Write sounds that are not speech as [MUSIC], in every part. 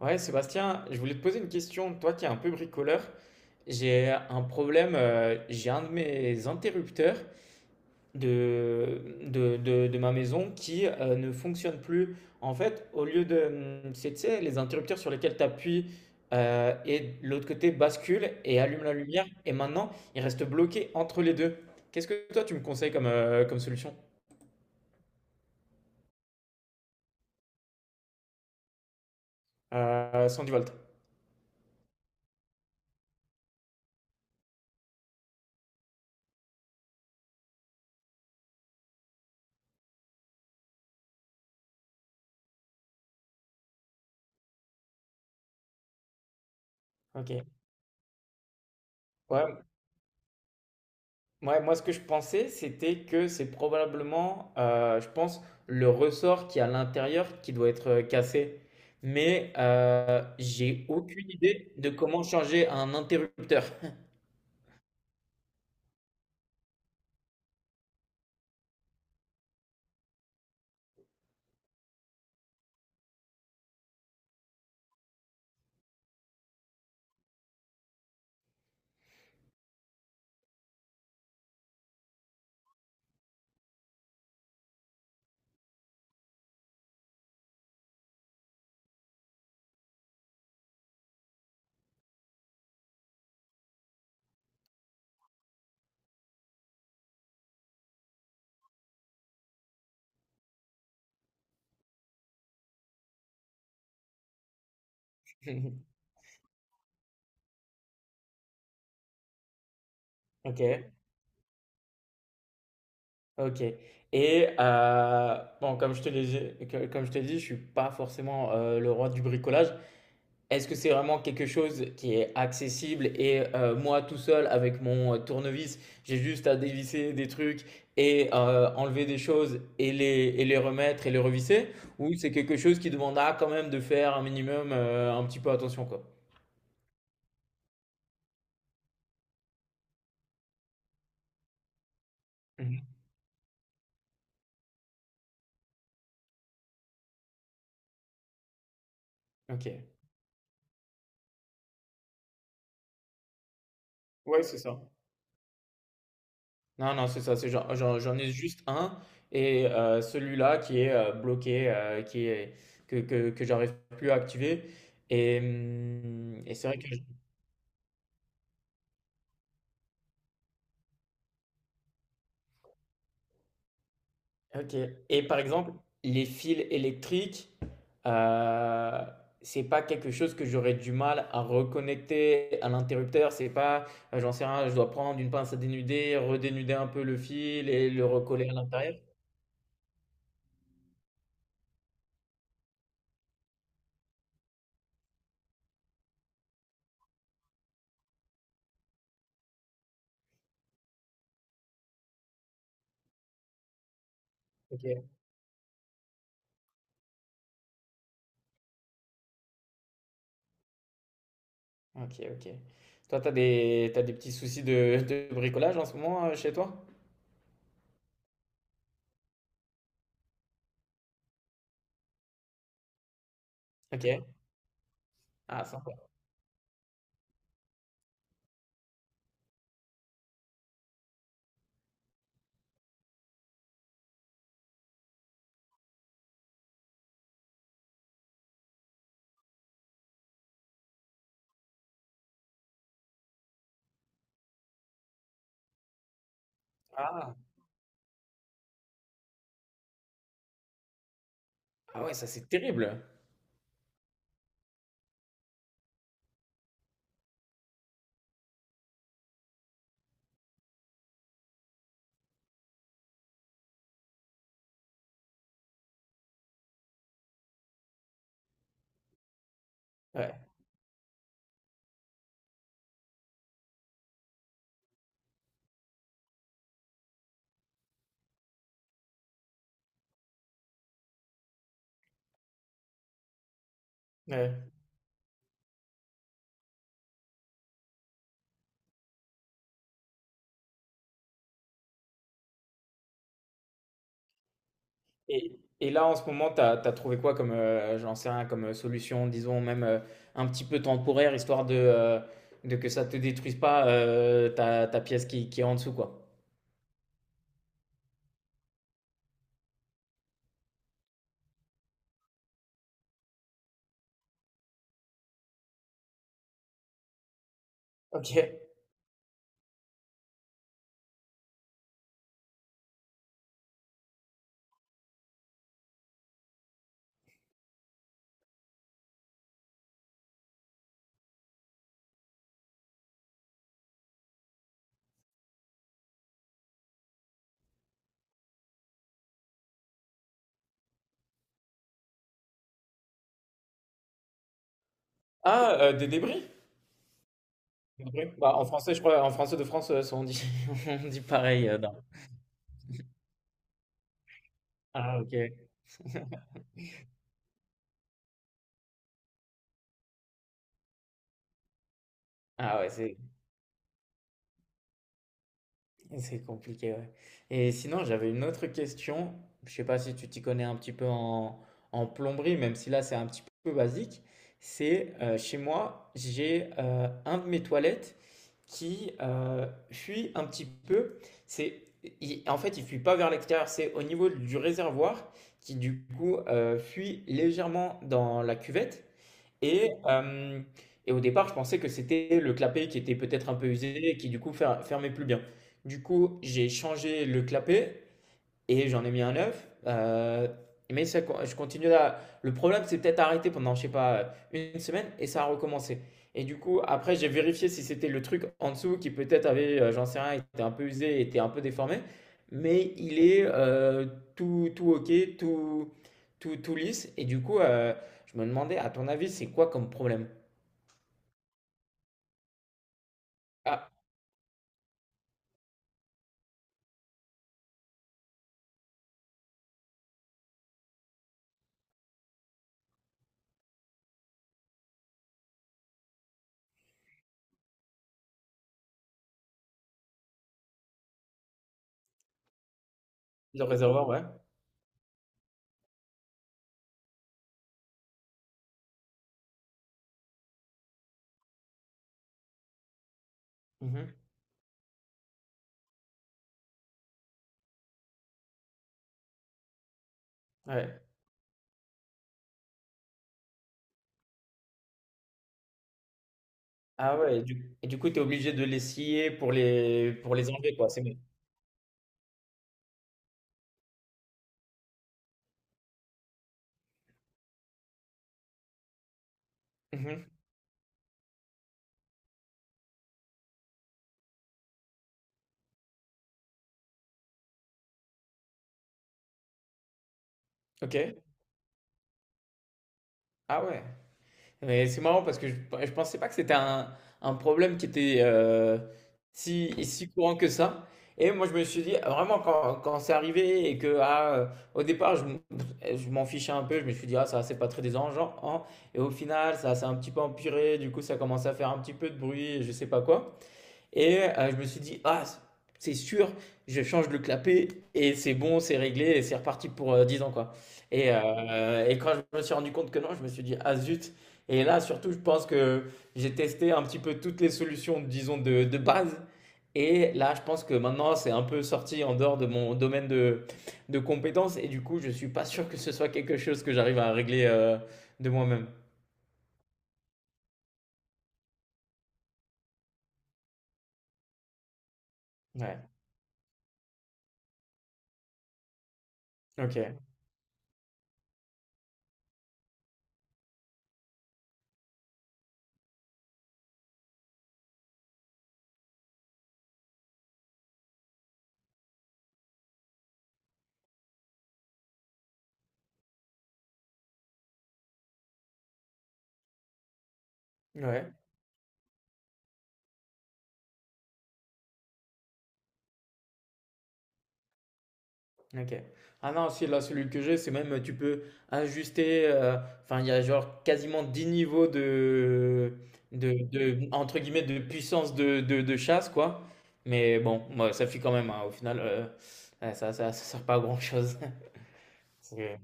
Ouais, Sébastien, je voulais te poser une question. Toi qui es un peu bricoleur, j'ai un problème. J'ai un de mes interrupteurs de ma maison qui ne fonctionne plus. En fait, au lieu de. C'est, tu sais, les interrupteurs sur lesquels tu appuies et de l'autre côté bascule et allume la lumière. Et maintenant, il reste bloqué entre les deux. Qu'est-ce que toi tu me conseilles comme, comme solution? 110 volts. Ok. Ouais, ouais, moi, ce que je pensais, c'était que c'est probablement, je pense, le ressort qui est à l'intérieur qui doit être cassé. Mais j'ai aucune idée de comment changer un interrupteur. [LAUGHS] Ok, ok. Et bon, comme je te l'ai dit, je suis pas forcément le roi du bricolage. Est-ce que c'est vraiment quelque chose qui est accessible et moi tout seul avec mon, tournevis, j'ai juste à dévisser des trucs et enlever des choses et les remettre et les revisser? Ou c'est quelque chose qui demandera quand même de faire un minimum, un petit peu attention, quoi? Mmh. OK. Ouais, c'est ça. Non, non, c'est ça, c'est j'en ai juste un et celui-là qui est, bloqué, qui est que j'arrive plus à activer et mmh et c'est vrai que OK et par exemple, les fils électriques, heu, c'est pas quelque chose que j'aurais du mal à reconnecter à l'interrupteur? C'est pas, j'en sais rien, je dois prendre une pince à dénuder, redénuder un peu le fil et le recoller à l'intérieur? OK. OK, OK. Toi, t'as des petits soucis de bricolage en ce moment, chez toi? OK. Ah sympa. Ah! Ah ouais, ça, c'est terrible! Ouais, ouais. Et, et là, en ce moment, tu as trouvé quoi comme, j'en sais rien, comme solution, disons, même un petit peu temporaire, histoire de que ça te détruise pas ta, ta pièce qui est en dessous, quoi. Ok. Ah, des débris? Des débris. Bah, en français, je crois, en français de France, ça, on dit, [LAUGHS] on dit pareil. Ah, ok. Ah ouais, c'est compliqué, ouais. Et sinon, j'avais une autre question. Je sais pas si tu t'y connais un petit peu en, en plomberie, même si là c'est un petit peu basique. C'est chez moi, j'ai un de mes toilettes qui fuit un petit peu. C'est, en fait, il fuit pas vers l'extérieur. C'est au niveau du réservoir qui du coup fuit légèrement dans la cuvette. Et, euh, et au départ, je pensais que c'était le clapet qui était peut-être un peu usé et qui du coup fermait plus bien. Du coup, j'ai changé le clapet et j'en ai mis un neuf. Mais ça, je continue là. Le problème, c'est peut-être arrêté pendant, je sais pas, une semaine et ça a recommencé. Et du coup, après, j'ai vérifié si c'était le truc en dessous qui peut-être avait, j'en sais rien, était un peu usé, était un peu déformé. Mais il est tout, tout OK, tout, tout, tout lisse. Et du coup, je me demandais, à ton avis, c'est quoi comme problème? Ah, le réservoir, ouais. Mhm. Ouais. Ah ouais, et du coup, tu es obligé de les scier pour les enlever, quoi. C'est bon. Mhm. Ok. Ah ouais. Mais c'est marrant parce que je pensais pas que c'était un problème qui était si, si courant que ça. Et moi, je me suis dit, ah, vraiment, quand, quand c'est arrivé et que, ah, au départ, je, je m'en fichais un peu, je me suis dit, ah, ça, c'est pas très dérangeant, hein. Et au final, ça s'est un petit peu empiré, du coup, ça commence à faire un petit peu de bruit, et je sais pas quoi. Et je me suis dit, ah, c'est sûr, je change le clapet et c'est bon, c'est réglé et c'est reparti pour 10 ans, quoi. Et quand je me suis rendu compte que non, je me suis dit, ah zut. Et là, surtout, je pense que j'ai testé un petit peu toutes les solutions, disons, de base. Et là, je pense que maintenant, c'est un peu sorti en dehors de mon domaine de compétences. Et du coup, je suis pas sûr que ce soit quelque chose que j'arrive à régler de moi-même. Ouais, ok. Ouais. OK. Ah non, si là, celui que j'ai, c'est même, tu peux ajuster, enfin, il y a genre quasiment 10 niveaux de entre guillemets, «de puissance de chasse» quoi. Mais bon, moi, ça suffit quand même, hein, au final, ouais, ça sert pas à grand chose. [LAUGHS] C'est ouais,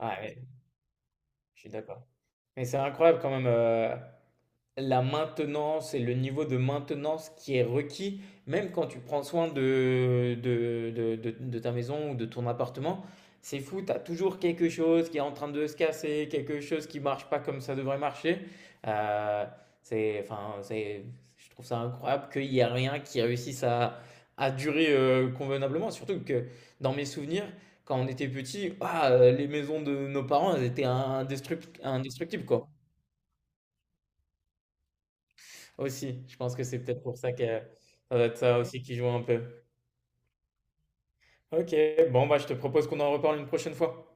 ouais, je suis d'accord. Mais c'est incroyable quand même, la maintenance et le niveau de maintenance qui est requis, même quand tu prends soin de, de ta maison ou de ton appartement, c'est fou, tu as toujours quelque chose qui est en train de se casser, quelque chose qui marche pas comme ça devrait marcher. Euh, c'est, enfin, c'est, je trouve ça incroyable qu'il n'y a rien qui réussisse à durer convenablement, surtout que dans mes souvenirs, quand on était petit, ah, les maisons de nos parents, elles étaient indestructibles, quoi. Aussi, je pense que c'est peut-être pour ça que ça doit être ça aussi qui joue un peu. OK, bon, bah, je te propose qu'on en reparle une prochaine fois.